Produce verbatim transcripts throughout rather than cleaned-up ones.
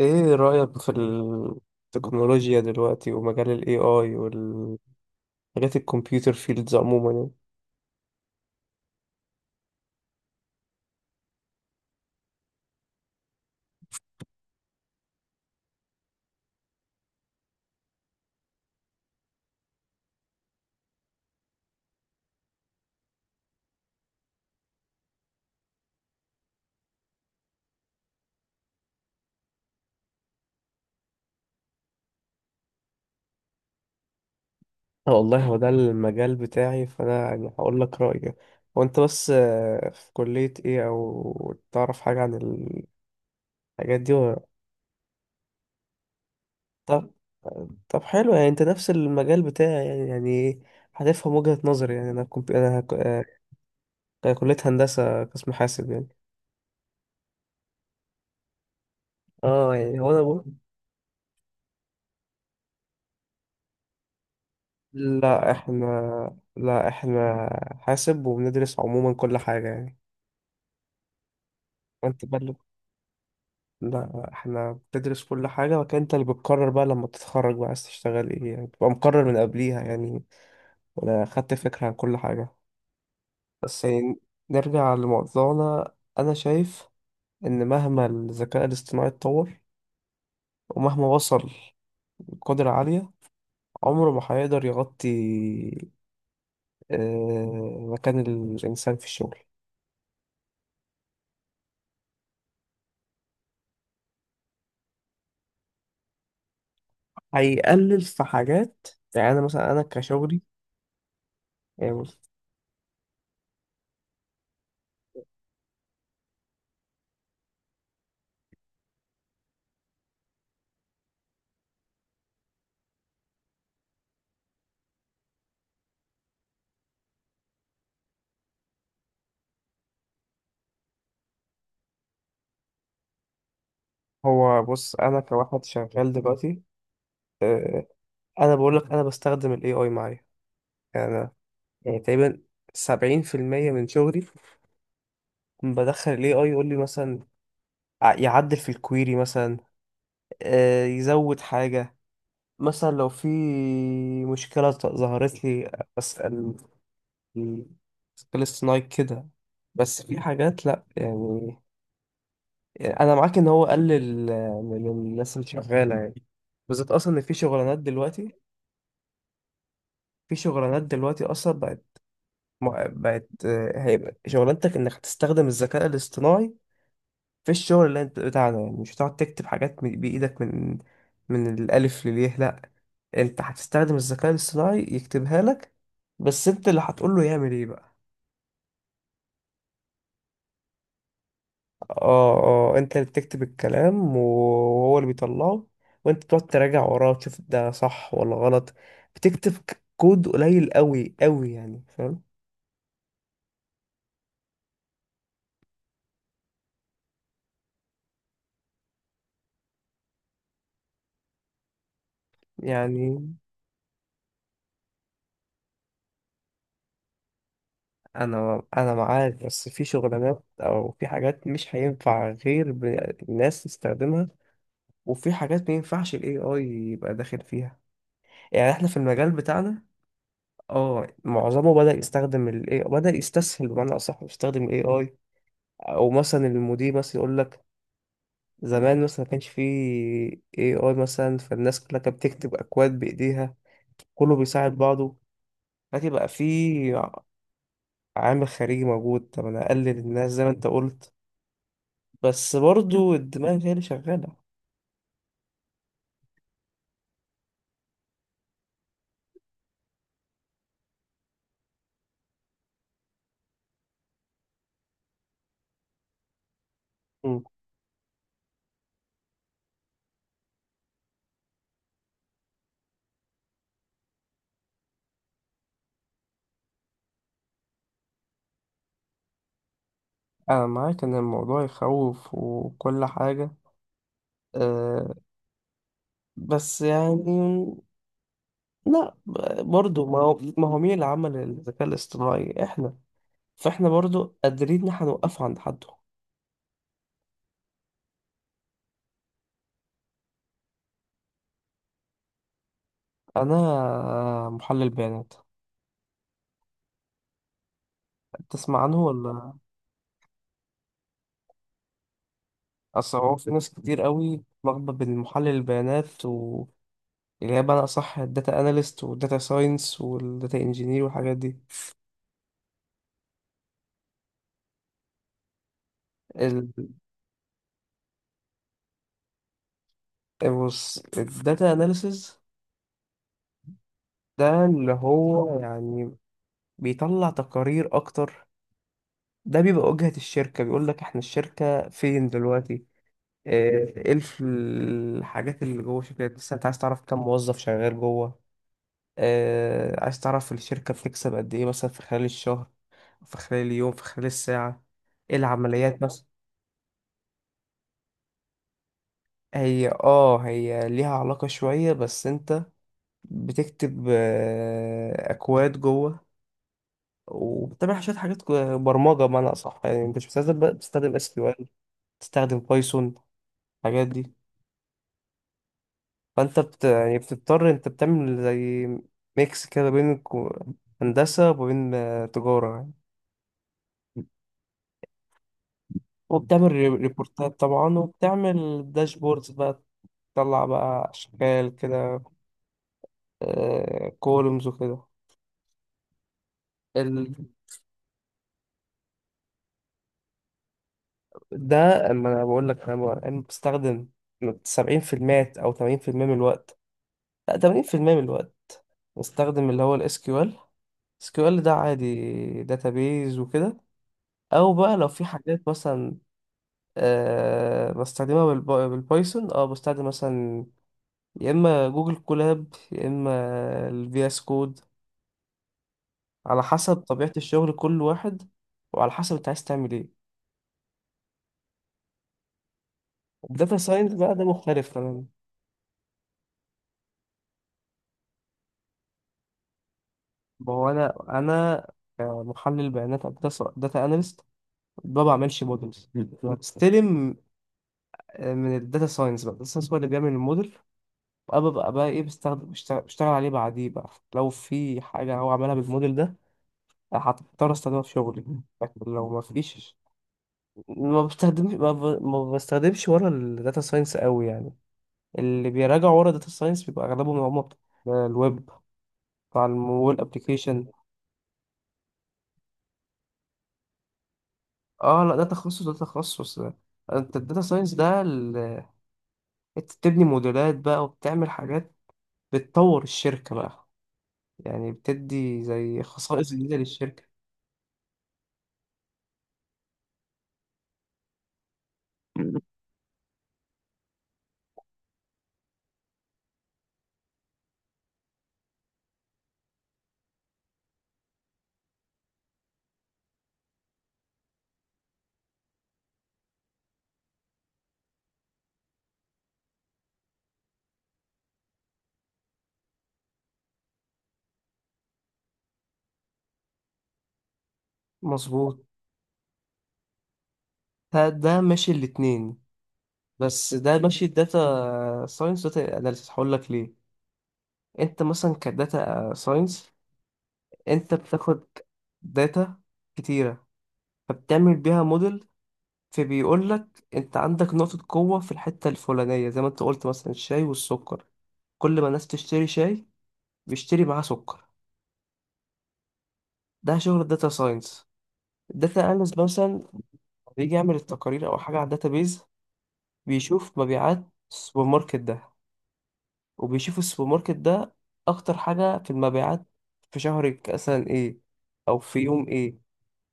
ايه رأيك في التكنولوجيا دلوقتي ومجال ال A I والحاجات الكمبيوتر فيلدز عموما يعني؟ آه والله هو ده المجال بتاعي فانا يعني هقول لك رأيي. هو انت بس آه، في كلية ايه او تعرف حاجة عن الحاجات دي ولا؟ طب طب حلو، يعني انت نفس المجال بتاعي يعني يعني إيه؟ هتفهم وجهة نظري. يعني انا كمبي... انا ك- آه، كلية هندسة قسم حاسب يعني. اه يعني هو انا بقول، لا احنا لا احنا حاسب وبندرس عموما كل حاجة يعني. وانت بقى اللي- لا احنا بتدرس كل حاجة، وكان انت اللي بتقرر بقى لما تتخرج بقى عايز تشتغل ايه يعني، بتبقى مقرر من قبليها يعني ولا خدت فكرة عن كل حاجة بس يعني. نرجع لموضوعنا. انا شايف ان مهما الذكاء الاصطناعي اتطور ومهما وصل لقدرة عالية، عمره ما هيقدر يغطي آه، مكان الإنسان في الشغل. هيقلل في حاجات، يعني انا مثلا انا كشغلي، يعني بص. هو بص انا كواحد شغال دلوقتي، آه، انا بقول لك انا بستخدم الاي اي معايا. يعني أنا، يعني تقريبا سبعين في المية من شغلي بدخل الاي اي يقول لي مثلا ع- يعدل في الكويري مثلا، آه، يزود حاجة، مثلا لو في مشكلة ط- ظهرت لي أسأل الذكاء الاصطناعي كده. بس في حاجات لأ يعني، انا معاك ان هو قلل من الناس اللي شغاله يعني، بالذات اصلا ان في شغلانات دلوقتي في شغلانات دلوقتي اصلا بقت مع- بقت آه، هيبقى شغلانتك انك هتستخدم الذكاء الاصطناعي في الشغل اللي انت بتاعنا يعني. مش هتقعد تكتب حاجات من- بايدك من من الالف لليه، لا، انت هتستخدم الذكاء الاصطناعي يكتبها لك، بس انت اللي هتقول له يعمل ايه بقى. اه اه انت اللي بتكتب الكلام وهو اللي بيطلعه، وانت بتقعد تراجع وراه تشوف ده صح ولا غلط، بتكتب ك- كود قليل قوي قوي يعني، فاهم؟ يعني انا انا معاك، بس في شغلانات او في حاجات مش هينفع غير ب- الناس تستخدمها، وفي حاجات ما ينفعش الاي اي يبقى داخل فيها. يعني احنا في المجال بتاعنا، اه، معظمه بدأ يستخدم الاي، بدأ يستسهل بمعنى اصح، يستخدم الاي اي. او مثلا المدير مثلا يقول لك، زمان مثلا ما كانش فيه اي اي مثلا، فالناس كلها كانت بتكتب اكواد بايديها، كله بيساعد بعضه. لكن بقى في عامل خارجي موجود، طب انا اقلل الناس زي ما انت قلت، بس برضو الدماغ هي اللي شغالة. مم. انا معاك ان الموضوع يخوف وكل حاجة، أه، بس يعني لا، برضو ما هو ما هو مين اللي عمل الذكاء الاصطناعي؟ احنا، فاحنا برضو قادرين ان احنا نوقفه عند حده. انا محلل بيانات، تسمع عنه ولا؟ اصل هو في ناس كتير قوي لخبط بين محلل البيانات، و اللي هي بمعنى أصح الداتا أناليست والداتا ساينس والداتا إنجينير والحاجات دي. ال... بص، الداتا أناليسز ده اللي هو يعني بيطلع تقارير أكتر، ده بيبقى واجهة الشركة، بيقول لك إحنا الشركة فين دلوقتي، إيه إيه الف- الحاجات اللي جوه الشركة. بس أنت عايز تعرف كم موظف شغال جوه، آه عايز تعرف الشركة بتكسب قد إيه مثلا في خلال الشهر، في خلال اليوم، في خلال الساعة، إيه العمليات مثلا. هي اه هي ليها علاقة شوية، بس انت بتكتب آه، أكواد جوه، وبتعمل شوية حاجات كو- برمجة بمعنى أصح، يعني أنت مش بتستخدم بتستخدم اس كيو ال، بتستخدم بايثون، الحاجات دي. فانت بت... يعني بتضطر، انت بتعمل زي ميكس كده بين الكو- هندسة وبين آه، تجارة، وبتعمل ري- ريبورتات طبعا، وبتعمل داشبوردز بقى، تطلع بقى أشكال كده، كولومز وكده. ال... ده اما انا بقول لك، انا بقى- أنا بستخدم سبعين في المية او تمانين في المية من الوقت، لا تمانين في المية من الوقت بستخدم اللي هو الاس كيو ال. اس كيو ال ده عادي، داتابيز وكده. او بقى لو في حاجات مثلا، أه بستخدمها بالب- بالبايثون. اه بستخدم مثلا يا اما جوجل كولاب يا اما الفي اس كود، على حسب طبيعة الشغل كل واحد، وعلى حسب انت عايز تعمل ايه. الداتا ساينس بقى ده مختلف تماما. ما هو انا انا محلل بيانات او داتا اناليست، ما بعملش مودلز، بستلم آه، من الداتا ساينس. بقى الداتا ساينس هو اللي بيعمل الموديل، وأنا ببقى بقى ايه، بستخدم، بشتغل, بشتغل عليه بعديه بقى، لو في حاجة هو عملها بالموديل ده هضطر استخدمها في شغلي. لكن لو ما فيش ما بستخدمش، ما ب- ما بستخدمش ورا الداتا ساينس قوي يعني. اللي بيراجعوا ورا داتا ساينس بيبقى اغلبهم هم بتوع الويب، بتاع الموبايل ابلكيشن. اه، لا، ده تخصص ده تخصص، انت الداتا ساينس ده ال- انت بتبني موديلات بقى، وبتعمل حاجات، بتطور الشركة بقى، يعني بتدي زي خصائص جديدة للشركة. مظبوط. ده, ده ماشي الاتنين، بس ده ماشي الداتا ساينس داتا اناليسيس، هقول لك ليه. انت مثلا كداتا ساينس، انت بتاخد داتا كتيرة فبتعمل بيها موديل، فبيقول لك انت عندك نقطة قوة في الحتة الفلانية زي ما انت قلت مثلا الشاي والسكر، كل ما الناس تشتري شاي بيشتري معاه سكر. ده شغل الداتا ساينس. الداتا اناليست مثلا بيجي يعمل التقارير او حاجة على الداتابيز، بيشوف مبيعات السوبر ماركت ده، وبيشوف السوبر ماركت ده اكتر حاجة في المبيعات في شهر ك- مثلا ايه، او في يوم ايه.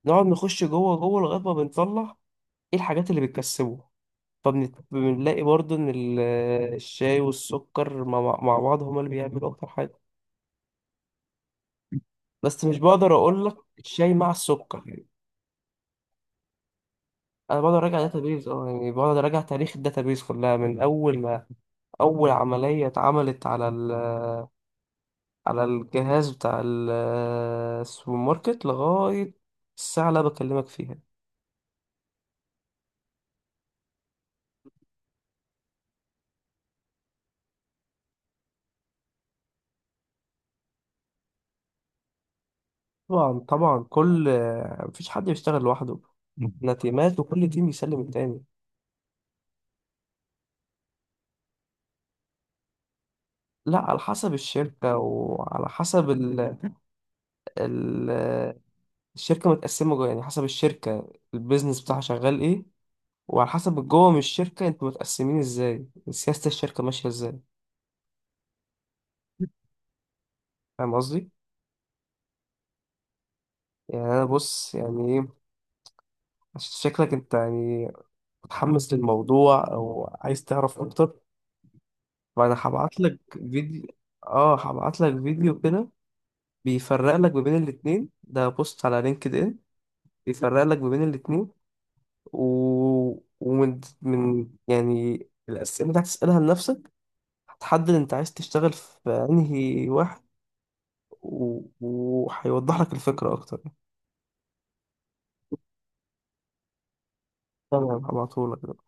نقعد نخش جوه جوه لغاية ما بنطلع ايه الحاجات اللي بتكسبه، فبنلاقي برضو ان ال- الشاي والسكر مع مع بعض هما اللي بيعملوا اكتر حاجه. بس مش بقدر اقول لك الشاي مع السكر يعني. انا بقدر اراجع داتابيز، اه يعني بقدر اراجع تاريخ الداتابيز كلها من اول ما اول عمليه اتعملت على ال على الجهاز بتاع ال- السوبر ماركت لغايه الساعه اللي أنا بكلمك فيها. طبعا طبعا، كل مفيش حد بيشتغل لوحده، احنا تيمات وكل تيم يسلم التاني. لا، على حسب الشركة، وعلى حسب ال- الشركة متقسمة جوه، يعني حسب الشركة البيزنس بتاعها شغال ايه، وعلى حسب جوه من الشركة انتوا متقسمين ازاي، سياسة الشركة ماشية ازاي، فاهم قصدي؟ يعني انا بص يعني ايه، عشان شكلك انت يعني متحمس للموضوع او عايز تعرف اكتر، فانا هبعت لك فيديو. اه هبعت لك فيديو كده بيفرق لك ما بين الاتنين، ده بوست على لينكد ان بيفرق لك ما بين الاتنين و... ومن من يعني الأسئلة اللي هتسألها لنفسك هتحدد انت عايز تشتغل في انهي واحد، و- وهيوضح لك الفكرة اكتر. تمام، هبعتهولك.